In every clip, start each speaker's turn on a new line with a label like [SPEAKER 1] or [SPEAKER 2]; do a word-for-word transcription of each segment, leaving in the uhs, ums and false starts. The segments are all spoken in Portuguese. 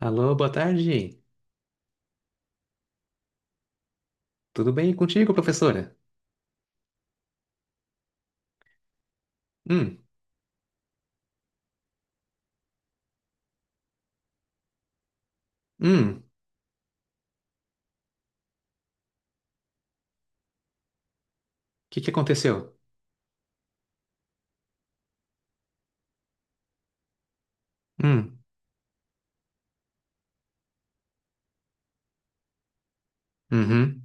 [SPEAKER 1] Alô, boa tarde. Tudo bem contigo, professora? Hum, hum, o que que aconteceu? Hum, uhum,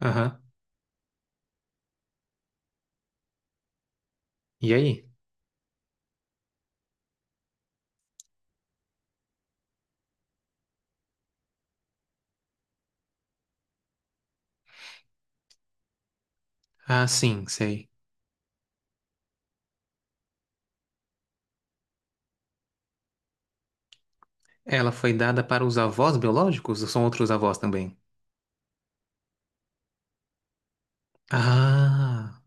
[SPEAKER 1] aham. E aí? Ah, sim, sei. Ela foi dada para os avós biológicos ou são outros avós também? Ah,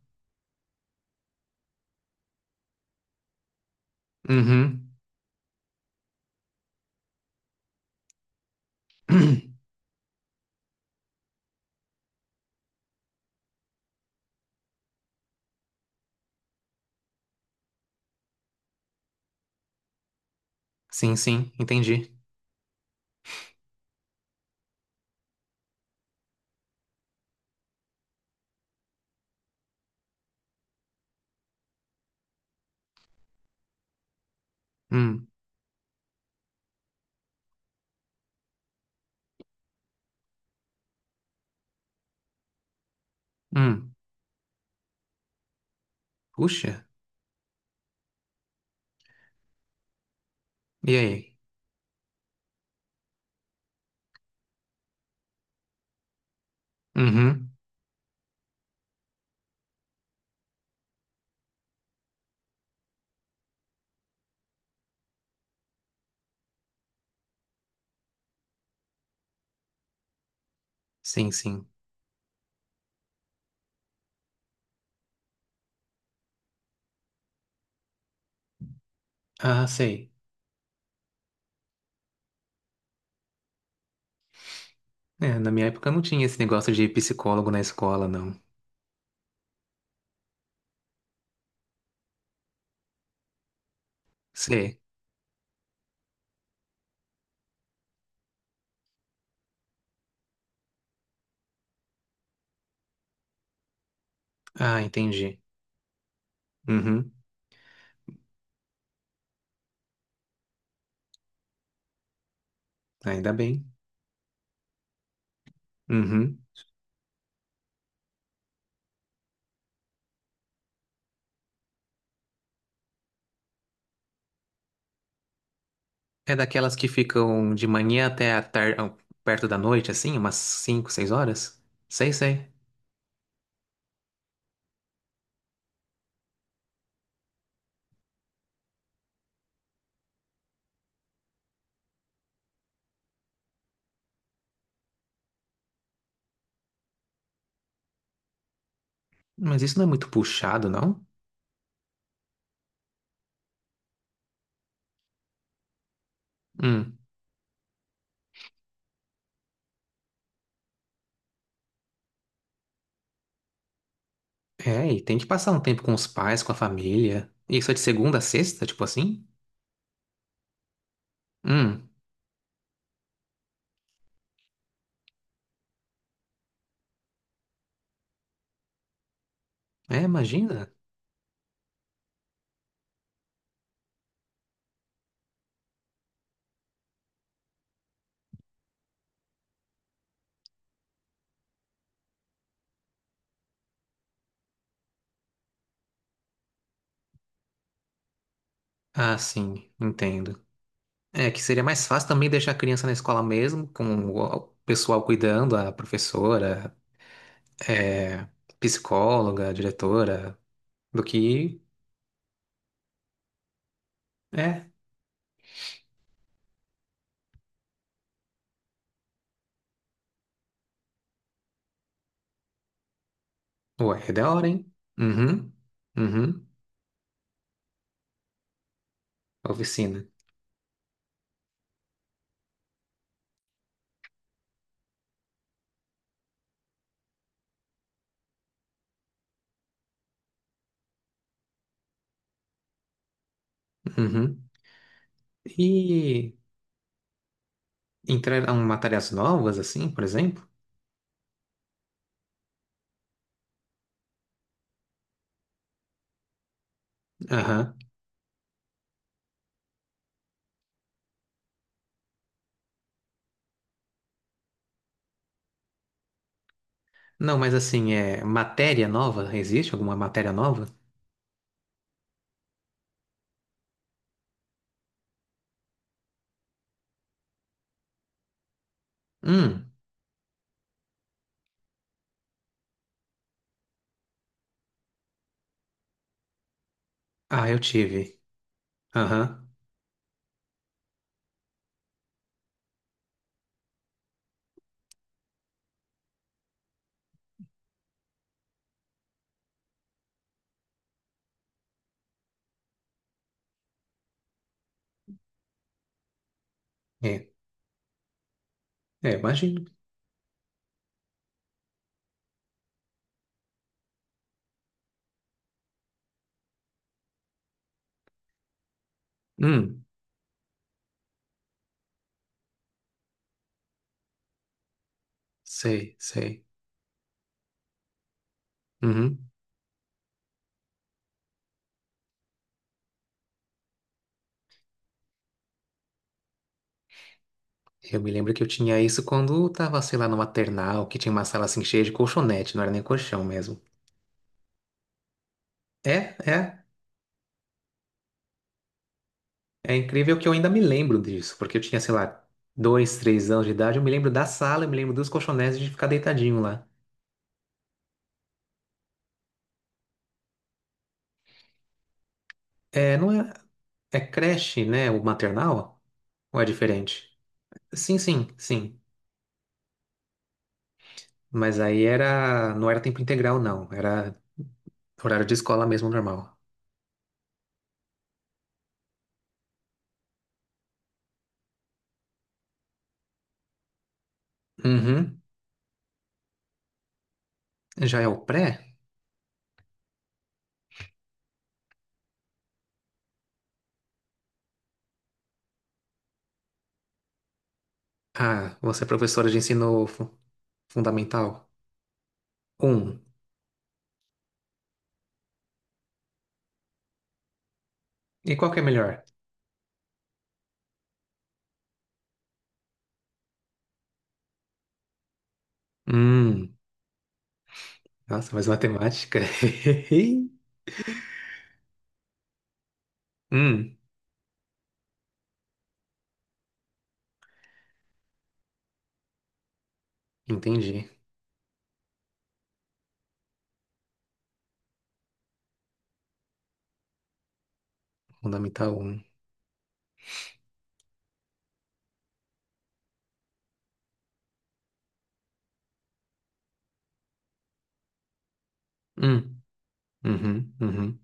[SPEAKER 1] uhum. Sim, sim, entendi. Hum, hum. Puxa, e aí? Uhum, sim, sim. Ah, sei. É, na minha época não tinha esse negócio de psicólogo na escola, não. Sei. Ah, entendi. Uhum, ainda bem. Uhum. É daquelas que ficam de manhã até a tarde, perto da noite, assim, umas cinco, seis horas? Sei, sei. Mas isso não é muito puxado, não? Hum. É, e tem que passar um tempo com os pais, com a família. Isso é de segunda a sexta, tipo assim? Hum. É, imagina. Ah, sim, entendo. É que seria mais fácil também deixar a criança na escola mesmo, com o pessoal cuidando, a professora, é, psicóloga, diretora, do que. É, ué, é da hora, hein? Uhum, uhum, oficina. Uhum. E entraram matérias novas, assim, por exemplo? Aham. Não, mas assim, é matéria nova? Existe alguma matéria nova? Hum, ah, eu tive. Aham, é, é, imagino. Hum, sei, sei. Uhum. Eu me lembro que eu tinha isso quando tava, sei lá, no maternal, que tinha uma sala assim cheia de colchonete, não era nem colchão mesmo. É, é, é incrível que eu ainda me lembro disso, porque eu tinha, sei lá, dois, três anos de idade, eu me lembro da sala, eu me lembro dos colchonetes de ficar deitadinho lá. É, não é, é creche, né? O maternal? Ou é diferente? Sim, sim, sim. Mas aí era, não era tempo integral, não. Era horário de escola mesmo, normal. Uhum. Já é o pré? Ah, você é professora de ensino fu- fundamental? Um. E qual que é melhor? Hum, nossa, mas matemática. Hum, entendi. Fundamental um. Hum, uhum, uhum.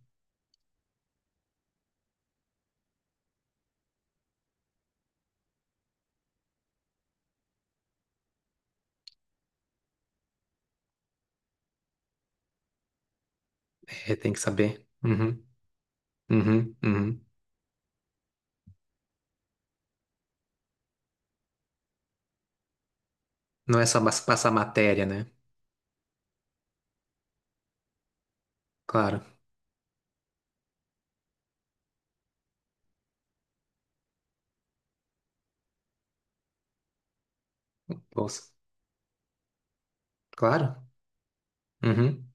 [SPEAKER 1] É, tem que saber. Uhum, uhum, uhum. Não é só mas- passar matéria, né? Claro. Bolsa. Claro. Uhum.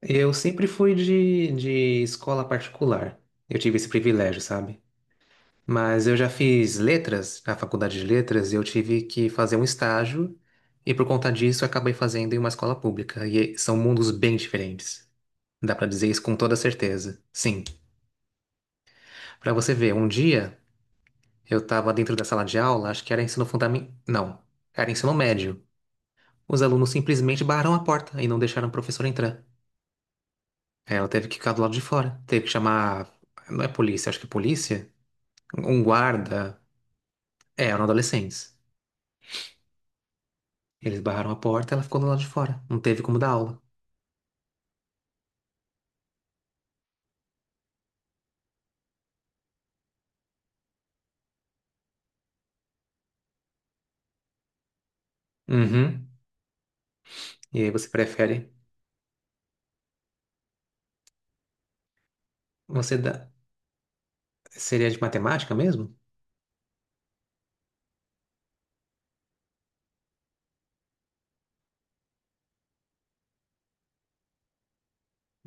[SPEAKER 1] Eu sempre fui de, de escola particular. Eu tive esse privilégio, sabe? Mas eu já fiz letras, na faculdade de letras, e eu tive que fazer um estágio, e por conta disso eu acabei fazendo em uma escola pública. E são mundos bem diferentes. Dá pra dizer isso com toda certeza. Sim. Pra você ver, um dia. Eu estava dentro da sala de aula, acho que era ensino fundamental. Não, era ensino médio. Os alunos simplesmente barraram a porta e não deixaram o professor entrar. Aí ela teve que ficar do lado de fora. Teve que chamar. Não é polícia, acho que é polícia? Um guarda. É, eram adolescentes. Eles barraram a porta, ela ficou do lado de fora. Não teve como dar aula. Uhum. E aí você prefere. Você dá. Seria de matemática mesmo?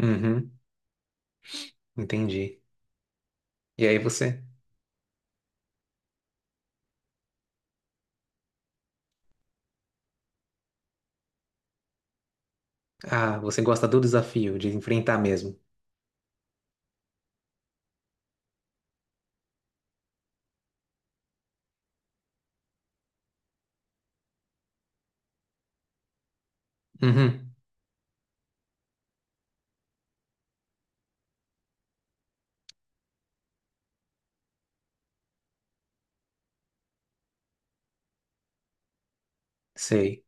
[SPEAKER 1] Uhum. Entendi. E aí você. Ah, você gosta do desafio, de enfrentar mesmo. Uhum. Sei.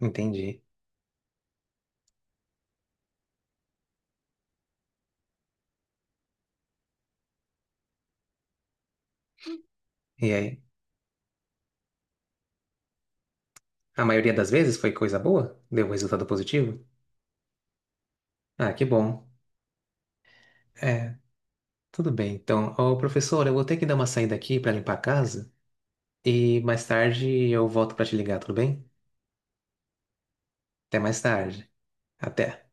[SPEAKER 1] Entendi. E aí? A maioria das vezes foi coisa boa? Deu resultado positivo? Ah, que bom. É, tudo bem. Então, ô professor, eu vou ter que dar uma saída aqui para limpar a casa e mais tarde eu volto para te ligar, tudo bem? Até mais tarde. Até.